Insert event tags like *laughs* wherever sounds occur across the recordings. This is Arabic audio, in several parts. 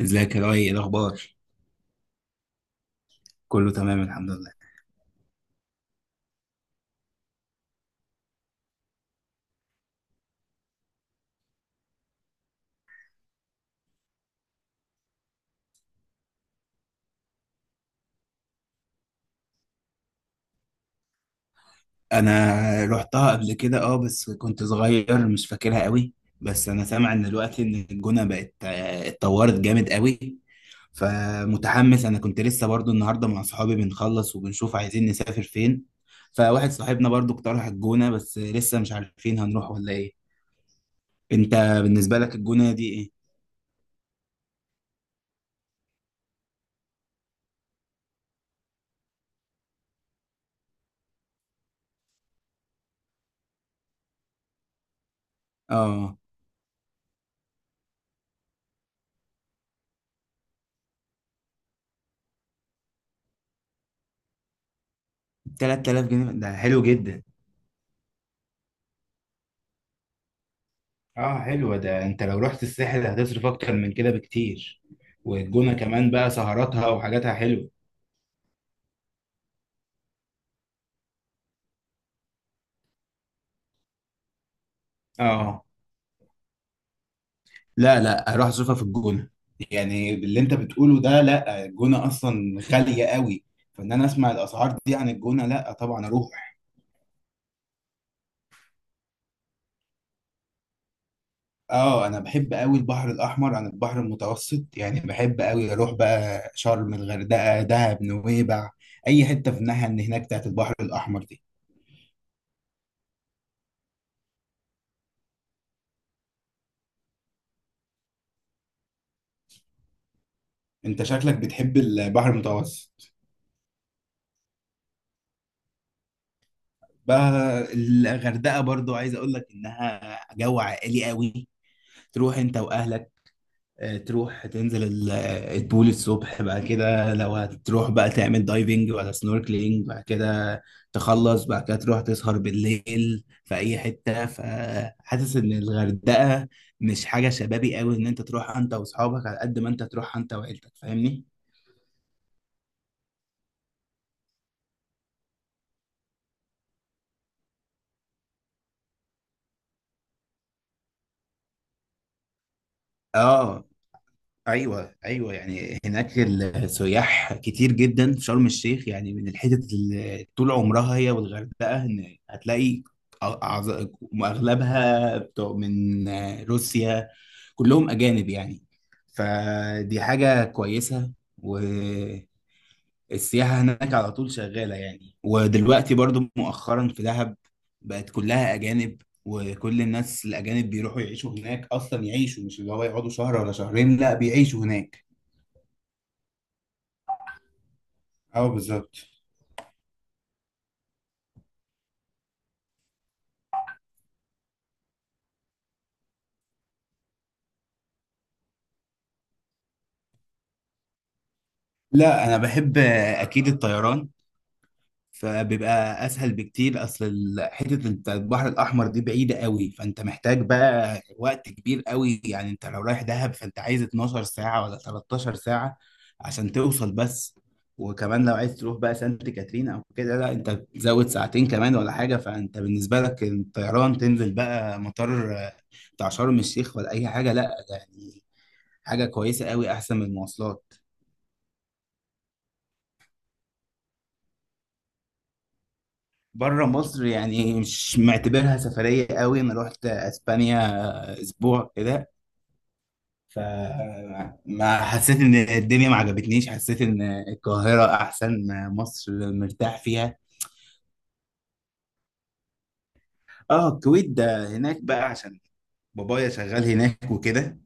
ازيك يا لؤي، ايه الاخبار؟ كله تمام الحمد لله. انا رحتها قبل كده اه بس كنت صغير مش فاكرها قوي. بس انا سامع ان دلوقتي ان الجونه بقت اتطورت جامد قوي. فمتحمس، انا كنت لسه برضو النهارده مع صحابي بنخلص وبنشوف عايزين نسافر فين. فواحد صاحبنا برضو اقترح الجونه بس لسه مش عارفين هنروح ولا ايه. انت بالنسبه لك الجونه دي ايه؟ اه، 3000 جنيه ده حلو جدا. اه حلوة، ده انت لو رحت الساحل هتصرف اكتر من كده بكتير. والجونة كمان بقى سهراتها وحاجاتها حلوة. اه لا لا، هروح اصرفها في الجونة. يعني اللي انت بتقوله ده لا، الجونة اصلا غالية قوي. فان انا اسمع الاسعار دي عن الجونة لا طبعا اروح. اه انا بحب قوي البحر الاحمر عن البحر المتوسط، يعني بحب قوي اروح بقى شرم، الغردقة، دهب، نويبع، اي حتة في الناحية اللي هناك بتاعت البحر الاحمر دي. انت شكلك بتحب البحر المتوسط. بقى الغردقه برضو عايز اقول لك انها جو عائلي قوي، تروح انت واهلك. تروح تنزل البول الصبح، بعد كده لو هتروح بقى تعمل دايفنج ولا سنوركلينج. بعد كده تخلص، بعد كده تروح تسهر بالليل في اي حته. فحاسس ان الغردقه مش حاجه شبابي قوي ان انت تروح انت واصحابك، على قد ما انت تروح انت وعيلتك، فاهمني؟ اه ايوه ايوه، يعني هناك السياح كتير جدا في شرم الشيخ، يعني من الحتت اللي طول عمرها هي والغردقه. إن هتلاقي أعظ- اغلبها بتوع من روسيا، كلهم اجانب يعني. فدي حاجه كويسه، السياحة هناك على طول شغالة. يعني ودلوقتي برضو مؤخرا في دهب بقت كلها أجانب، وكل الناس الأجانب بيروحوا يعيشوا هناك أصلا، يعيشوا مش اللي هو يقعدوا شهر ولا شهرين، لا بيعيشوا هناك. اه بالظبط. لا أنا بحب أكيد الطيران، فبيبقى اسهل بكتير. اصل حته انت البحر الاحمر دي بعيده قوي، فانت محتاج بقى وقت كبير قوي. يعني انت لو رايح دهب فانت عايز 12 ساعه ولا 13 ساعه عشان توصل بس. وكمان لو عايز تروح بقى سانت كاترين او كده، لا انت تزود ساعتين كمان ولا حاجه. فانت بالنسبه لك الطيران، تنزل بقى مطار بتاع شرم الشيخ ولا اي حاجه، لا يعني حاجه كويسه قوي احسن من المواصلات. بره مصر، يعني مش معتبرها سفرية قوي. انا رحت اسبانيا اسبوع كده، فما حسيت ان الدنيا، ما عجبتنيش. حسيت ان القاهرة احسن، مصر مرتاح فيها. اه الكويت ده هناك بقى عشان بابايا شغال هناك وكده.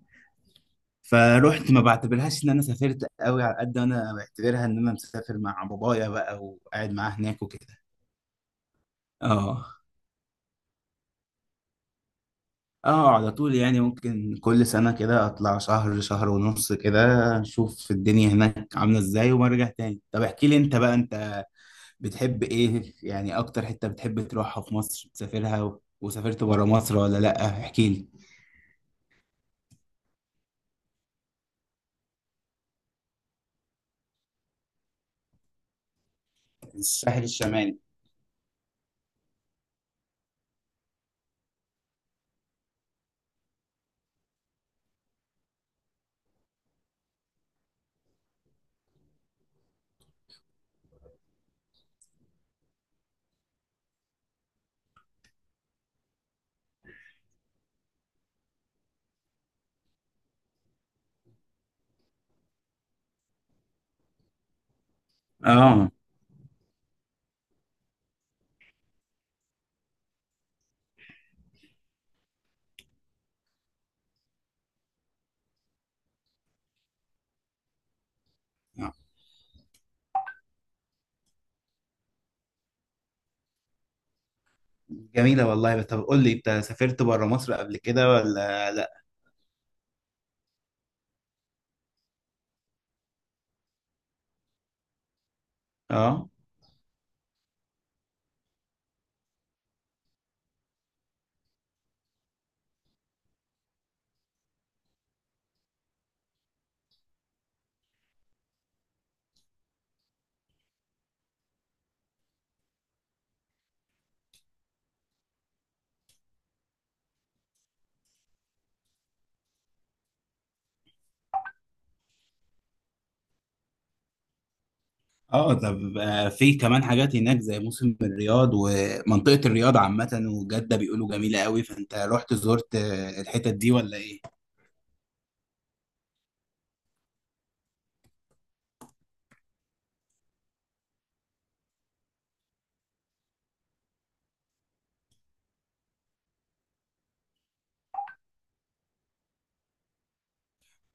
فروحت ما بعتبرهاش ان انا سافرت قوي، على قد ما انا بعتبرها ان انا مسافر مع بابايا بقى وقاعد معاه هناك وكده. اه. اه على طول، يعني ممكن كل سنة كده اطلع شهر، شهر ونص كده، اشوف الدنيا هناك عاملة ازاي وارجع تاني. طب احكي لي انت بقى، انت بتحب ايه يعني؟ اكتر حتة بتحب تروحها في مصر تسافرها وسافرت برا مصر ولا لا؟ احكي لي. الساحل الشمالي. اه جميلة والله. طب قول لي، انت سافرت برا مصر قبل كده ولا لا؟ اه. اه طب في كمان حاجات هناك زي موسم الرياض ومنطقة الرياض عامة وجدة بيقولوا جميلة قوي، فانت رحت زرت الحتت دي ولا ايه؟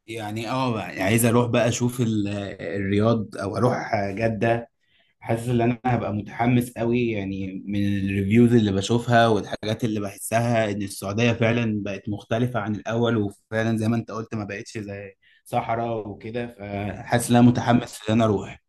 يعني اه، عايز اروح بقى اشوف الرياض او اروح جدة. حاسس ان انا هبقى متحمس قوي، يعني من الريفيوز اللي بشوفها والحاجات اللي بحسها ان السعودية فعلا بقت مختلفة عن الاول، وفعلا زي ما انت قلت ما بقتش زي صحراء وكده. فحاسس ان انا متحمس ان انا اروح.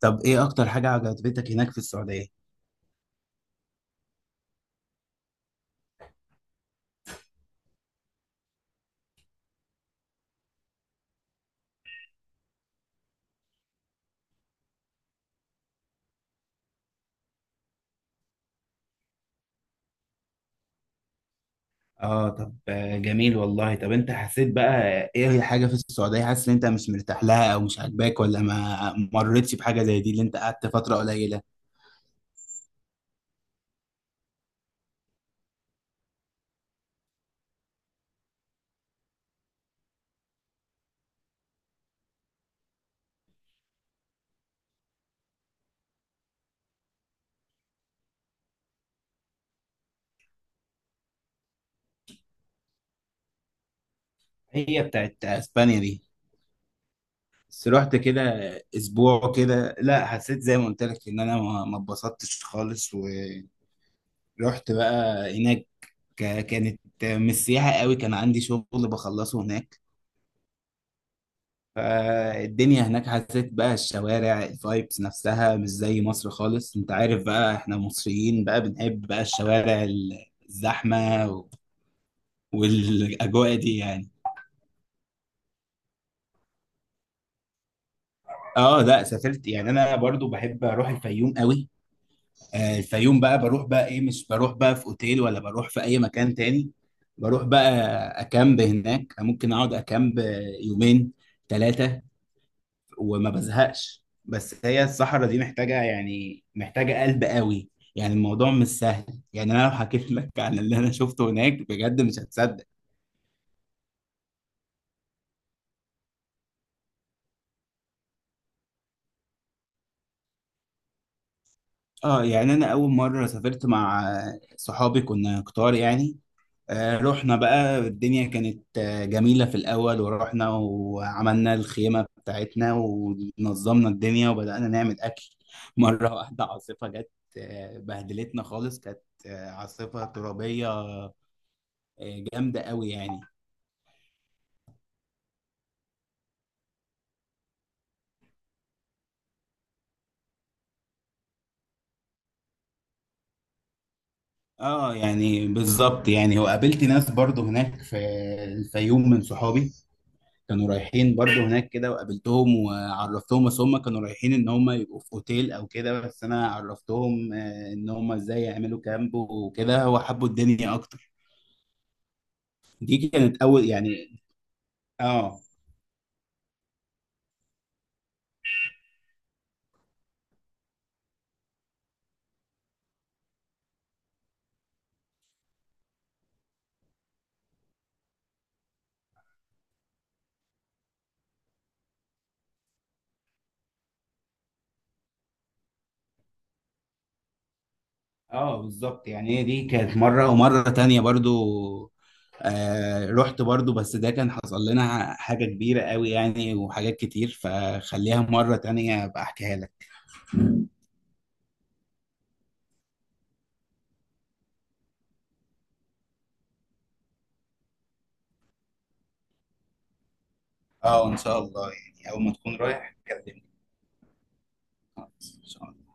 طب ايه اكتر حاجة عجبتك هناك في السعودية؟ اه طب جميل والله. طب انت حسيت بقى ايه هي حاجة في السعودية حاسس ان انت مش مرتاح لها او مش عاجباك، ولا ما مرتش بحاجة زي دي اللي انت قعدت فترة قليلة؟ هي بتاعت اسبانيا دي. بس رحت كده اسبوع كده، لا حسيت زي ما قلت لك ان انا ما اتبسطتش خالص. ورحت بقى هناك، كانت مش سياحة قوي، كان عندي شغل بخلصه هناك. فالدنيا هناك حسيت بقى الشوارع الفايبس نفسها مش زي مصر خالص. انت عارف بقى احنا مصريين بقى بنحب بقى الشوارع، الزحمة و- والاجواء دي يعني. اه لا سافرت، يعني انا برضو بحب اروح الفيوم قوي. الفيوم بقى بروح بقى ايه، مش بروح بقى في اوتيل ولا بروح في اي مكان تاني، بروح بقى اكامب هناك. ممكن اقعد اكامب يومين، ثلاثة، وما بزهقش. بس هي الصحراء دي محتاجة يعني محتاجة قلب قوي، يعني الموضوع مش سهل. يعني انا لو حكيت لك *laughs* عن اللي انا شفته هناك بجد مش هتصدق. اه يعني انا اول مرة سافرت مع صحابي كنا كتار يعني. رحنا بقى، الدنيا كانت جميلة في الأول. ورحنا وعملنا الخيمة بتاعتنا ونظمنا الدنيا وبدأنا نعمل أكل *laughs* مرة واحدة عاصفة جت، بهدلتنا خالص. كانت عاصفة ترابية جامدة قوي يعني. اه يعني بالظبط، يعني وقابلت ناس برضو هناك في الفيوم من صحابي كانوا رايحين برضو هناك كده، وقابلتهم وعرفتهم. بس هم كانوا رايحين ان هم يبقوا في اوتيل او كده، بس انا عرفتهم ان هم ازاي يعملوا كامب وكده، وحبوا الدنيا اكتر. دي كانت اول يعني. اه اه بالظبط، يعني هي دي كانت مرة. ومرة تانية برضو آه رحت برضو، بس ده كان حصل لنا حاجة كبيرة قوي يعني وحاجات كتير، فخليها مرة تانية ابقى احكيها لك. اه ان شاء الله، يعني اول ما تكون رايح كلمني. إن شاء الله.